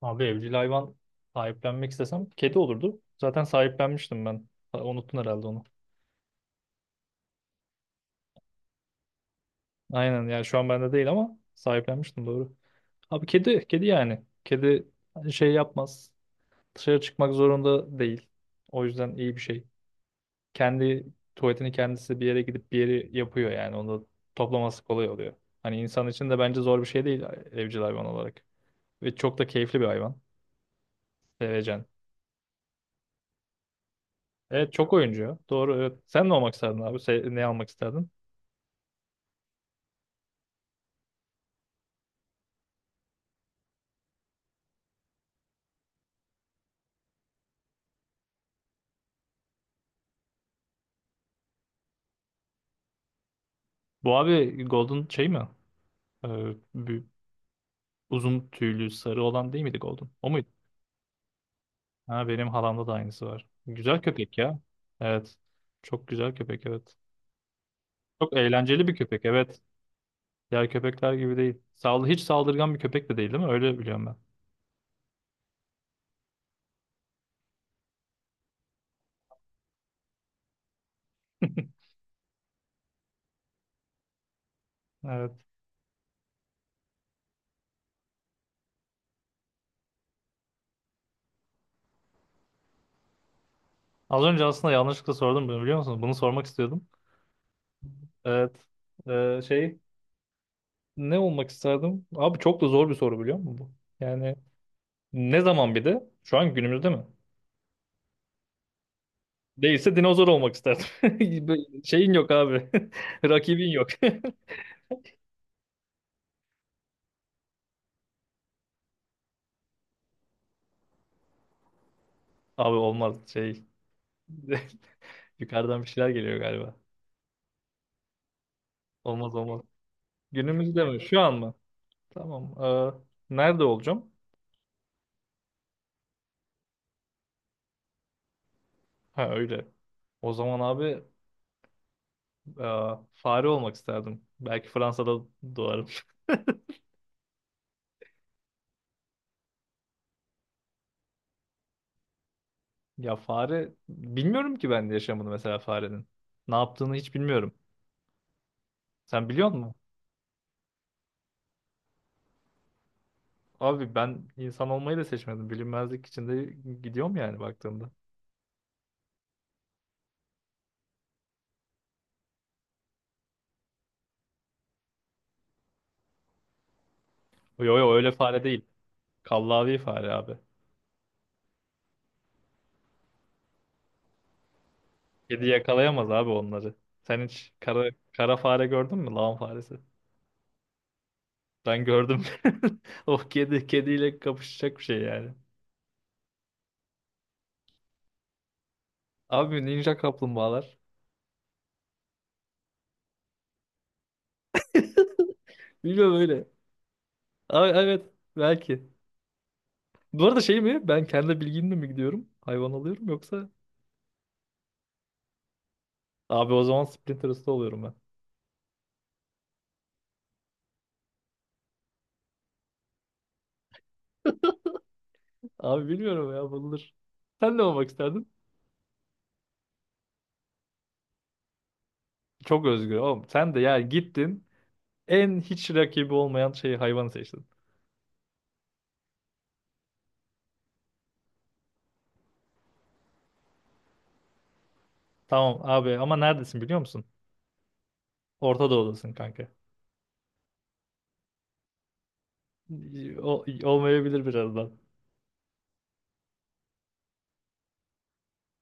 Abi evcil hayvan sahiplenmek istesem kedi olurdu. Zaten sahiplenmiştim ben. Ha, unuttun herhalde onu. Aynen, yani şu an bende değil ama sahiplenmiştim, doğru. Abi kedi, kedi yani. Kedi şey yapmaz. Dışarı çıkmak zorunda değil. O yüzden iyi bir şey. Kendi tuvaletini kendisi bir yere gidip bir yeri yapıyor yani. Onu toplaması kolay oluyor. Hani insan için de bence zor bir şey değil evcil hayvan olarak. Ve çok da keyifli bir hayvan. Sevecen. Evet, çok oyuncu ya. Doğru, evet. Sen ne olmak isterdin abi? Ne almak isterdin? Bu abi Golden şey mi? Ee, bir- uzun tüylü sarı olan değil miydi Golden? O muydu? Ha, benim halamda da aynısı var. Güzel köpek ya. Evet. Çok güzel köpek, evet. Çok eğlenceli bir köpek, evet. Diğer köpekler gibi değil. Sağ, hiç saldırgan bir köpek de değil, değil mi? Öyle biliyorum ben. Evet. Az önce aslında yanlışlıkla sordum bunu, biliyor musunuz? Bunu sormak istiyordum. Evet. Şey, ne olmak isterdim? Abi çok da zor bir soru biliyor musun bu? Yani ne zaman bir de? Şu an günümüzde mi? Değilse dinozor olmak isterdim. Böyle şeyin yok abi. Rakibin yok. Abi olmaz şey. Yukarıdan bir şeyler geliyor galiba. Olmaz, olmaz. Günümüzde mi? Şu an mı? Tamam. Nerede olacağım? Ha, öyle. O zaman abi e, fare olmak isterdim. Belki Fransa'da doğarım. Ya fare, bilmiyorum ki ben de yaşamını mesela farenin. Ne yaptığını hiç bilmiyorum. Sen biliyor musun? Abi ben insan olmayı da seçmedim. Bilinmezlik içinde gidiyorum yani baktığımda. Yo yo, öyle fare değil. Kallavi fare abi. Kedi yakalayamaz abi onları. Sen hiç kara, kara fare gördün mü? Lağım faresi. Ben gördüm. O kedi, kediyle kapışacak bir şey yani. Abi ninja kaplumbağalar. Bilmiyorum öyle. Abi, evet, belki. Bu arada şey mi? Ben kendi bilgimle mi gidiyorum? Hayvan alıyorum yoksa? Abi o zaman Splinter Usta oluyorum ben. Abi bilmiyorum ya, bulunur. Sen ne olmak isterdin? Çok özgür oğlum. Sen de yani gittin en hiç rakibi olmayan şeyi, hayvanı seçtin. Tamam abi, ama neredesin biliyor musun? Orta Doğu'dasın kanka. O, olmayabilir birazdan.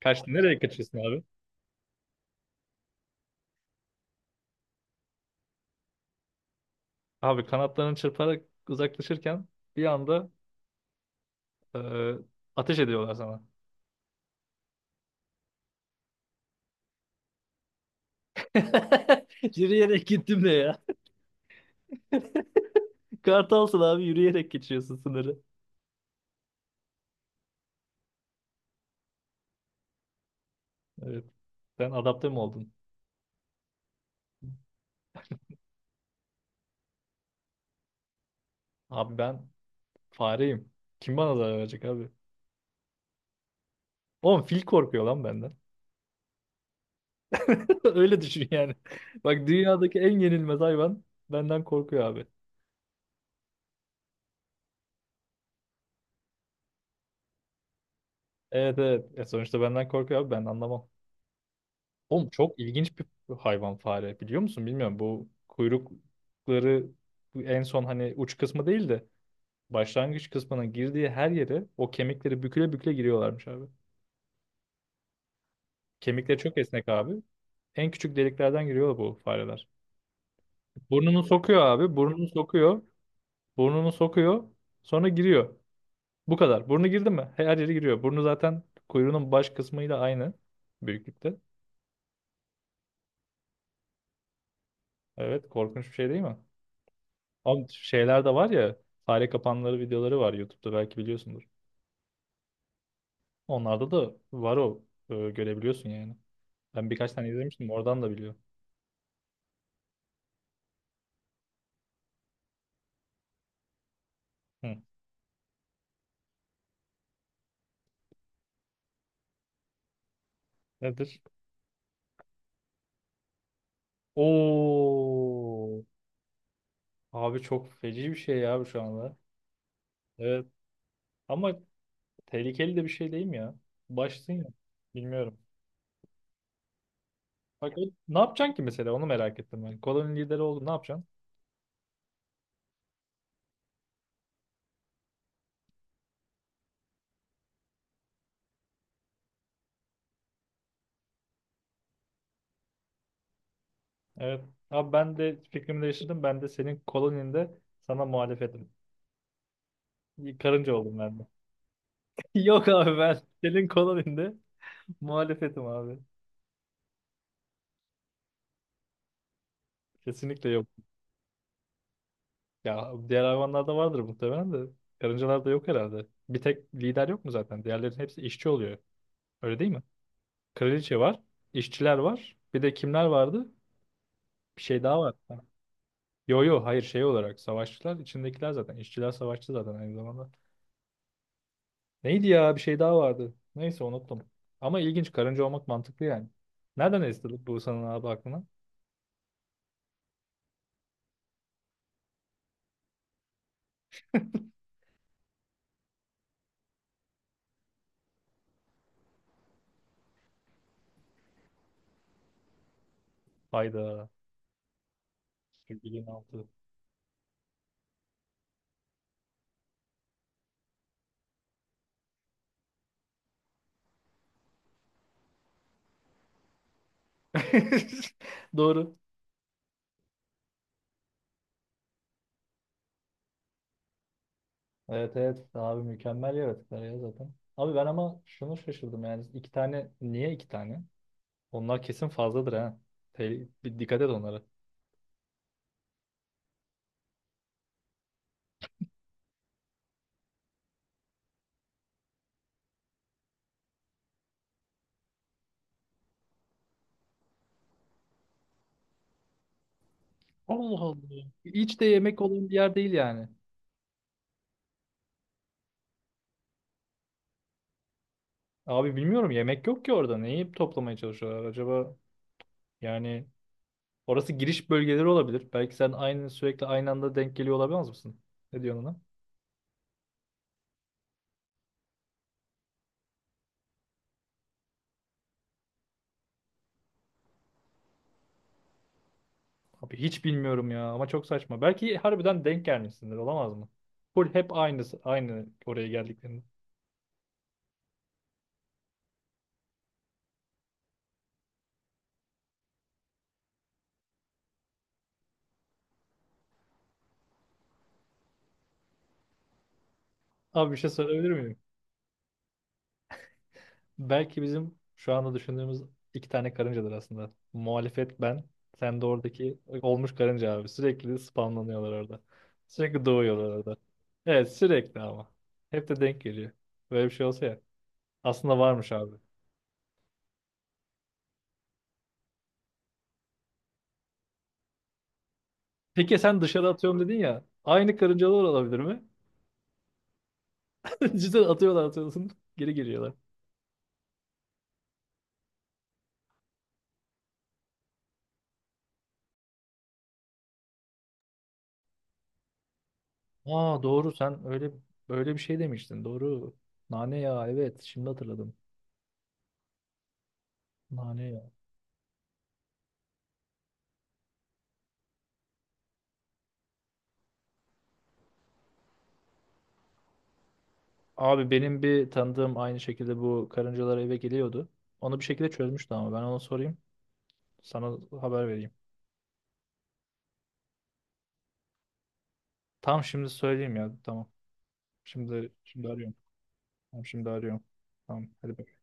Kaçtın. Nereye kaçıyorsun abi? Abi kanatlarını çırparak uzaklaşırken bir anda e, ateş ediyorlar sana. Yürüyerek gittim de ya. Kartalsın abi, yürüyerek geçiyorsun sınırı. Evet. Sen adapte mi oldun? Abi ben fareyim. Kim bana zarar verecek abi? Oğlum fil korkuyor lan benden. Öyle düşün yani. Bak, dünyadaki en yenilmez hayvan benden korkuyor abi. Evet, evet. E sonuçta benden korkuyor abi, ben anlamam. Oğlum çok ilginç bir hayvan fare, biliyor musun? Bilmiyorum, bu kuyrukları en son hani uç kısmı değil de başlangıç kısmına girdiği her yere o kemikleri büküle büküle giriyorlarmış abi. Kemikleri çok esnek abi. En küçük deliklerden giriyor bu fareler. Burnunu sokuyor abi. Burnunu sokuyor. Burnunu sokuyor. Sonra giriyor. Bu kadar. Burnu girdi mi? Her yeri giriyor. Burnu zaten kuyruğunun baş kısmıyla aynı büyüklükte. Evet, korkunç bir şey değil mi? Ama şeyler de var ya, fare kapanları videoları var YouTube'da, belki biliyorsundur. Onlarda da var o. Görebiliyorsun yani. Ben birkaç tane izlemiştim. Oradan da biliyorum. Hı. Nedir? Oo, abi çok feci bir şey ya bu şu anda. Evet. Ama tehlikeli de bir şey değil mi ya? Başsın ya. Bilmiyorum. Bak, ne yapacaksın ki mesela, onu merak ettim ben. Koloninin lideri oldun, ne yapacaksın? Evet. Abi ben de fikrimi değiştirdim. Ben de senin koloninde sana muhalefetim. Karınca oldum ben de. Yok abi, ben senin koloninde muhalefetim abi. Kesinlikle yok. Ya diğer hayvanlarda vardır muhtemelen de. Karıncalarda yok herhalde. Bir tek lider yok mu zaten? Diğerlerin hepsi işçi oluyor. Öyle değil mi? Kraliçe var. İşçiler var. Bir de kimler vardı? Bir şey daha var. Ha. Yo yo, hayır, şey olarak savaşçılar içindekiler zaten. İşçiler savaşçı zaten aynı zamanda. Neydi ya? Bir şey daha vardı. Neyse, unuttum. Ama ilginç. Karınca olmak mantıklı yani. Nereden esti bu sanın abi aklına? Hayda. Sürgülüğün altı. Doğru. Evet, evet. Abi mükemmel yaratıklar ya zaten. Abi ben ama şunu şaşırdım yani. İki tane. Niye iki tane? Onlar kesin fazladır ha. Bir dikkat et onlara. Allah Allah. Hiç de yemek olan bir yer değil yani. Abi bilmiyorum, yemek yok ki orada. Neyi toplamaya çalışıyorlar acaba? Yani orası giriş bölgeleri olabilir. Belki sen aynı, sürekli aynı anda denk geliyor olamaz mısın? Ne diyorsun ona? Abi hiç bilmiyorum ya, ama çok saçma. Belki harbiden denk gelmişsindir, olamaz mı? Full hep aynı oraya geldiklerinde. Abi bir şey sorabilir miyim? Belki bizim şu anda düşündüğümüz iki tane karıncadır aslında. Muhalefet ben, sen de oradaki olmuş karınca abi. Sürekli spamlanıyorlar orada. Sürekli doğuyorlar orada. Evet sürekli ama. Hep de denk geliyor. Böyle bir şey olsa ya. Aslında varmış abi. Peki sen dışarı atıyorum dedin ya. Aynı karıncalar olabilir mi? Cidden atıyorlar, atıyorsun. Geri geliyorlar. Aa doğru, sen öyle bir şey demiştin. Doğru. Nane yağı, evet, şimdi hatırladım. Nane yağı. Abi benim bir tanıdığım, aynı şekilde bu karıncalar eve geliyordu. Onu bir şekilde çözmüştü, ama ben ona sorayım. Sana haber vereyim. Tamam, şimdi söyleyeyim ya. Tamam. Şimdi arıyorum. Tamam, şimdi arıyorum. Tamam. Hadi